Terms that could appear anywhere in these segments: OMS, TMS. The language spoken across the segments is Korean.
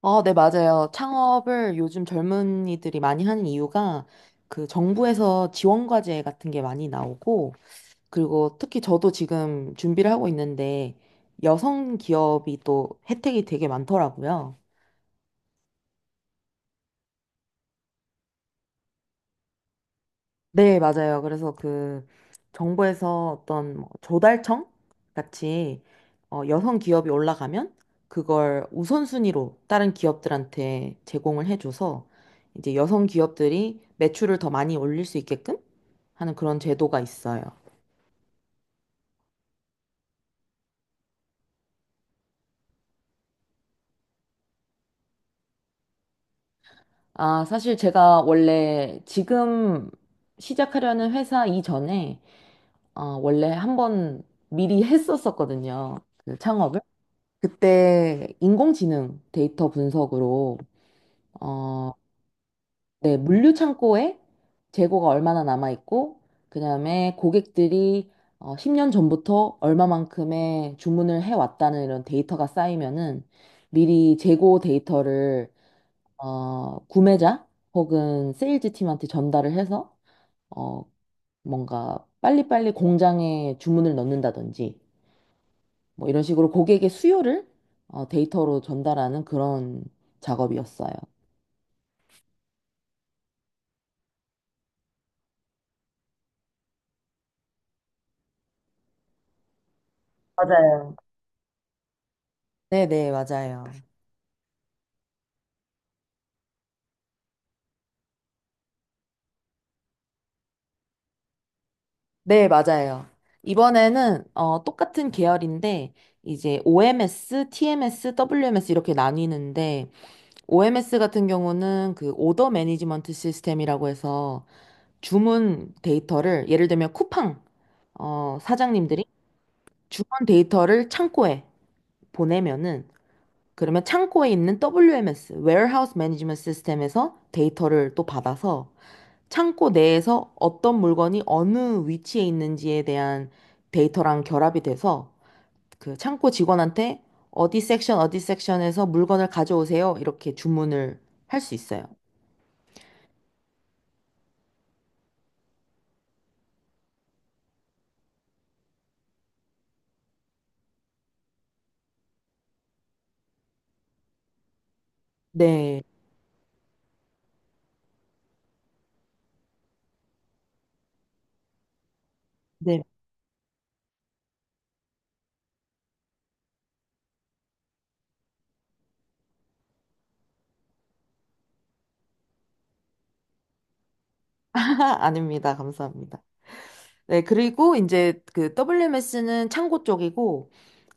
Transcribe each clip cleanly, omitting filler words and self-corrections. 네, 맞아요. 창업을 요즘 젊은이들이 많이 하는 이유가 그 정부에서 지원 과제 같은 게 많이 나오고 그리고 특히 저도 지금 준비를 하고 있는데 여성 기업이 또 혜택이 되게 많더라고요. 네, 맞아요. 그래서 그 정부에서 어떤 뭐 조달청 같이 여성 기업이 올라가면 그걸 우선순위로 다른 기업들한테 제공을 해줘서 이제 여성 기업들이 매출을 더 많이 올릴 수 있게끔 하는 그런 제도가 있어요. 아, 사실 제가 원래 지금 시작하려는 회사 이전에 원래 한 번 미리 했었었거든요. 그 창업을. 그때 인공지능 데이터 분석으로 어, 네, 물류 창고에 재고가 얼마나 남아 있고 그다음에 고객들이 10년 전부터 얼마만큼의 주문을 해왔다는 이런 데이터가 쌓이면은 미리 재고 데이터를 구매자 혹은 세일즈 팀한테 전달을 해서 어, 뭔가 빨리빨리 공장에 주문을 넣는다든지 뭐 이런 식으로 고객의 수요를 데이터로 전달하는 그런 작업이었어요. 맞아요. 네네, 맞아요. 네, 맞아요. 이번에는 똑같은 계열인데 이제 OMS, TMS, WMS 이렇게 나뉘는데 OMS 같은 경우는 그 오더 매니지먼트 시스템이라고 해서 주문 데이터를 예를 들면 쿠팡 사장님들이 주문 데이터를 창고에 보내면은 그러면 창고에 있는 WMS, Warehouse Management System에서 데이터를 또 받아서 창고 내에서 어떤 물건이 어느 위치에 있는지에 대한 데이터랑 결합이 돼서 그 창고 직원한테 어디 섹션, 어디 섹션에서 물건을 가져오세요. 이렇게 주문을 할 수 있어요. 네. 네. 아닙니다. 감사합니다. 네, 그리고 이제 그 WMS는 창고 쪽이고,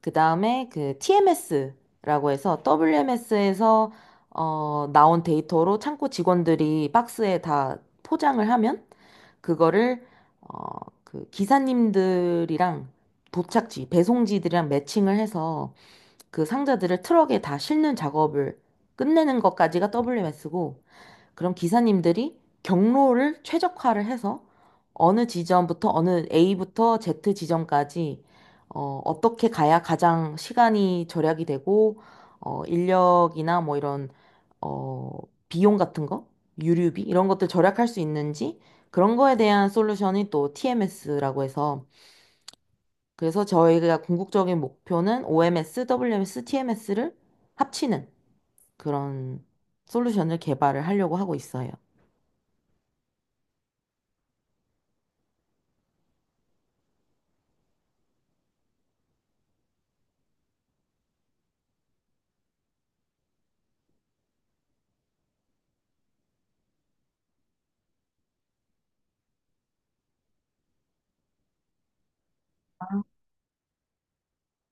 그 다음에 그 TMS라고 해서 WMS에서 나온 데이터로 창고 직원들이 박스에 다 포장을 하면 그거를 어, 그 기사님들이랑 도착지, 배송지들이랑 매칭을 해서 그 상자들을 트럭에 다 싣는 작업을 끝내는 것까지가 WMS고, 그럼 기사님들이 경로를 최적화를 해서 어느 지점부터 어느 A부터 Z 지점까지 어떻게 가야 가장 시간이 절약이 되고 인력이나 뭐 이런 어, 비용 같은 거, 유류비 이런 것들 절약할 수 있는지 그런 거에 대한 솔루션이 또 TMS라고 해서 그래서 저희가 궁극적인 목표는 OMS, WMS, TMS를 합치는 그런 솔루션을 개발을 하려고 하고 있어요.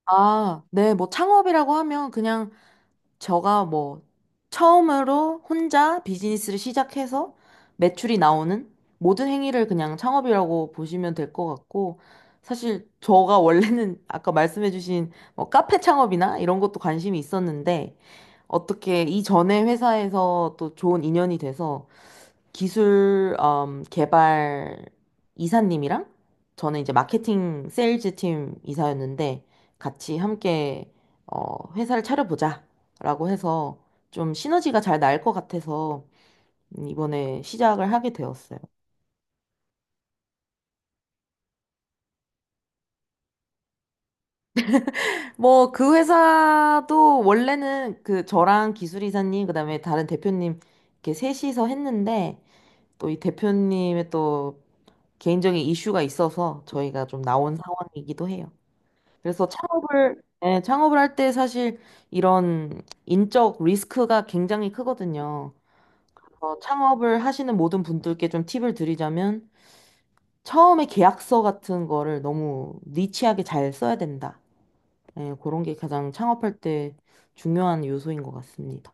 아, 네, 뭐 창업이라고 하면 그냥 저가 뭐 처음으로 혼자 비즈니스를 시작해서 매출이 나오는 모든 행위를 그냥 창업이라고 보시면 될 것 같고 사실 저가 원래는 아까 말씀해주신 뭐 카페 창업이나 이런 것도 관심이 있었는데 어떻게 이전에 회사에서 또 좋은 인연이 돼서 기술 개발 이사님이랑 저는 이제 마케팅 세일즈 팀 이사였는데 같이 함께 회사를 차려보자라고 해서 좀 시너지가 잘 날 것 같아서 이번에 시작을 하게 되었어요. 뭐 그 회사도 원래는 그 저랑 기술 이사님 그다음에 다른 대표님 이렇게 셋이서 했는데 또 이 대표님의 또 개인적인 이슈가 있어서 저희가 좀 나온 상황이기도 해요. 그래서 예, 창업을 할 때 사실 이런 인적 리스크가 굉장히 크거든요. 그래서 창업을 하시는 모든 분들께 좀 팁을 드리자면, 처음에 계약서 같은 거를 너무 니치하게 잘 써야 된다. 예, 그런 게 가장 창업할 때 중요한 요소인 것 같습니다.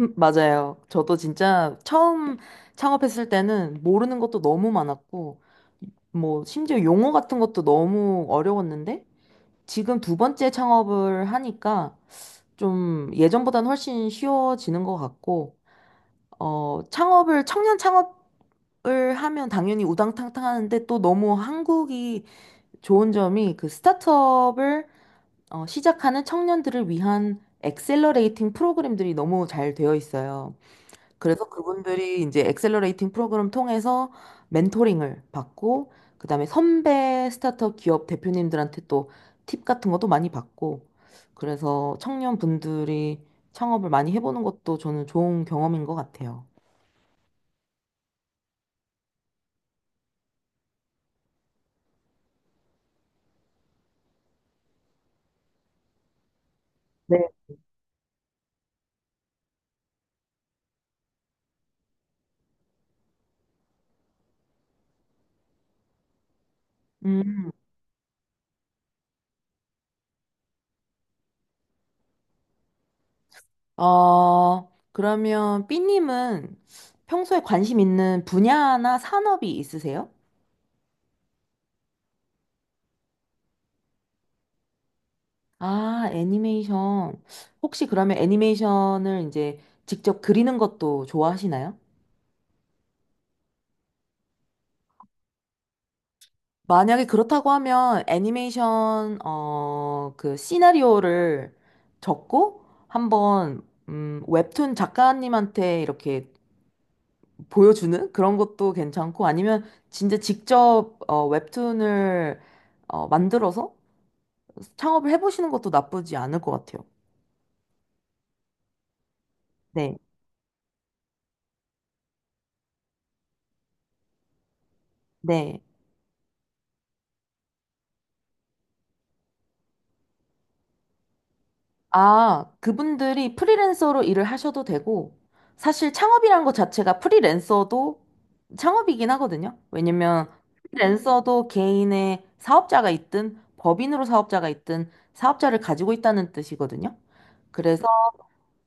맞아요. 저도 진짜 처음 창업했을 때는 모르는 것도 너무 많았고, 뭐, 심지어 용어 같은 것도 너무 어려웠는데, 지금 두 번째 창업을 하니까 좀 예전보다는 훨씬 쉬워지는 것 같고, 청년 창업을 하면 당연히 우당탕탕 하는데 또 너무 한국이 좋은 점이 그 스타트업을 시작하는 청년들을 위한 엑셀러레이팅 프로그램들이 너무 잘 되어 있어요. 그래서 그분들이 이제 엑셀러레이팅 프로그램 통해서 멘토링을 받고, 그다음에 선배 스타트업 기업 대표님들한테 또 팁 같은 것도 많이 받고, 그래서 청년분들이 창업을 많이 해보는 것도 저는 좋은 경험인 것 같아요. 네. 음, 그러면 삐님은 평소에 관심 있는 분야나 산업이 있으세요? 아, 애니메이션. 혹시 그러면 애니메이션을 이제 직접 그리는 것도 좋아하시나요? 만약에 그렇다고 하면 애니메이션, 그 시나리오를 적고 한번, 웹툰 작가님한테 이렇게 보여주는 그런 것도 괜찮고 아니면 진짜 직접, 웹툰을, 만들어서 창업을 해보시는 것도 나쁘지 않을 것 같아요. 네. 네. 아, 그분들이 프리랜서로 일을 하셔도 되고, 사실 창업이란 것 자체가 프리랜서도 창업이긴 하거든요. 왜냐면 프리랜서도 개인의 사업자가 있든 법인으로 사업자가 있든 사업자를 가지고 있다는 뜻이거든요. 그래서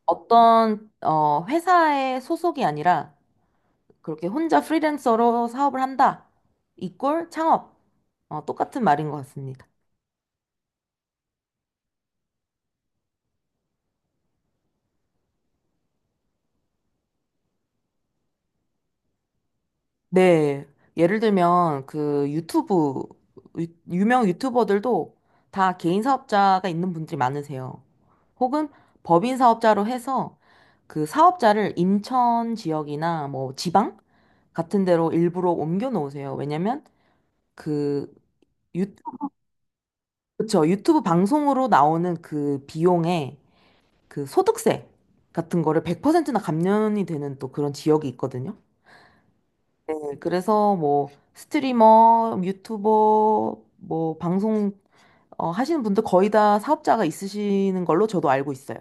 어떤 회사의 소속이 아니라 그렇게 혼자 프리랜서로 사업을 한다. 이꼴 창업. 똑같은 말인 것 같습니다. 네. 예를 들면 그 유튜브 유명 유튜버들도 다 개인 사업자가 있는 분들이 많으세요. 혹은 법인 사업자로 해서 그 사업자를 인천 지역이나 뭐 지방 같은 데로 일부러 옮겨 놓으세요. 왜냐면 그 유튜브, 그쵸? 유튜브 방송으로 나오는 그 비용에 그 소득세 같은 거를 100%나 감면이 되는 또 그런 지역이 있거든요. 네, 그래서 뭐 스트리머, 유튜버, 뭐 방송 하시는 분들 거의 다 사업자가 있으시는 걸로 저도 알고 있어요.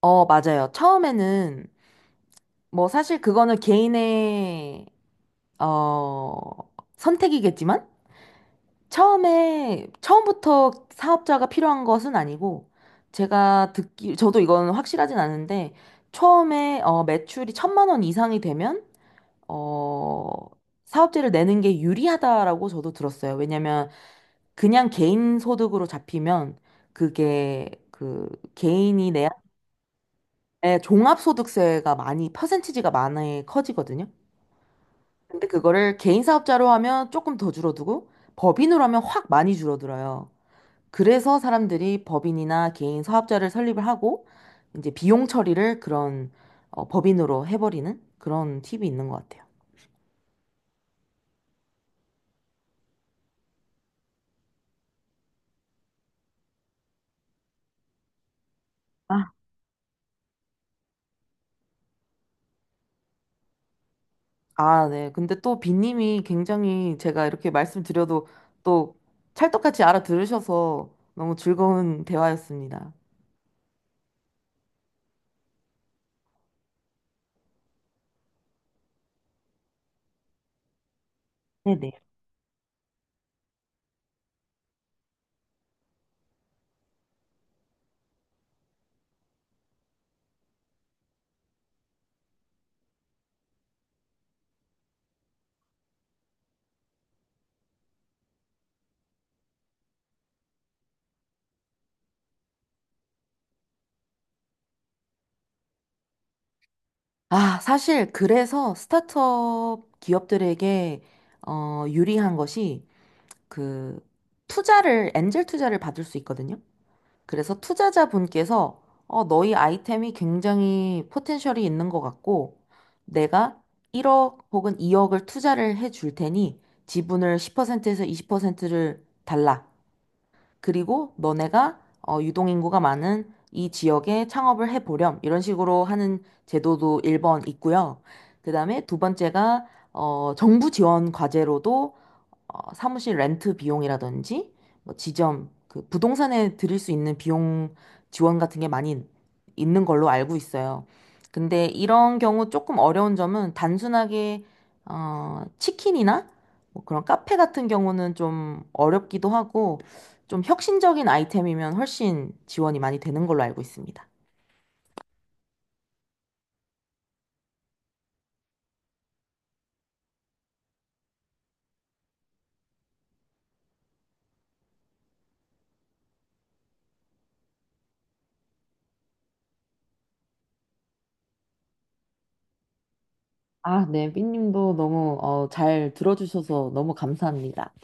맞아요. 처음에는 뭐 사실 그거는 개인의 어, 선택이겠지만 처음에 처음부터 사업자가 필요한 것은 아니고 제가 듣기 저도 이건 확실하진 않은데 처음에 매출이 1,000만 원 이상이 되면 어, 사업체를 내는 게 유리하다라고 저도 들었어요. 왜냐면 그냥 개인 소득으로 잡히면 그게 그 개인이 내야 네, 종합소득세가 많이 퍼센티지가 많이 커지거든요. 근데 그거를 개인 사업자로 하면 조금 더 줄어들고 법인으로 하면 확 많이 줄어들어요. 그래서 사람들이 법인이나 개인 사업자를 설립을 하고 이제 비용 처리를 그런 법인으로 해버리는 그런 팁이 있는 것 같아요. 아, 아, 네. 근데 또 비님이 굉장히 제가 이렇게 말씀드려도 또 찰떡같이 알아들으셔서 너무 즐거운 대화였습니다. 네네. 아, 사실 그래서 스타트업 기업들에게 유리한 것이 그 엔젤 투자를 받을 수 있거든요. 그래서 투자자분께서 너희 아이템이 굉장히 포텐셜이 있는 것 같고 내가 1억 혹은 2억을 투자를 해줄 테니 지분을 10%에서 20%를 달라. 그리고 너네가 유동인구가 많은 이 지역에 창업을 해보렴. 이런 식으로 하는 제도도 1번 있고요. 그 다음에 두 번째가 정부 지원 과제로도 사무실 렌트 비용이라든지 뭐 지점 그 부동산에 드릴 수 있는 비용 지원 같은 게 많이 있는 걸로 알고 있어요. 근데 이런 경우 조금 어려운 점은 단순하게 치킨이나 뭐 그런 카페 같은 경우는 좀 어렵기도 하고 좀 혁신적인 아이템이면 훨씬 지원이 많이 되는 걸로 알고 있습니다. 아, 네, 삐님도 너무 잘 들어주셔서 너무 감사합니다.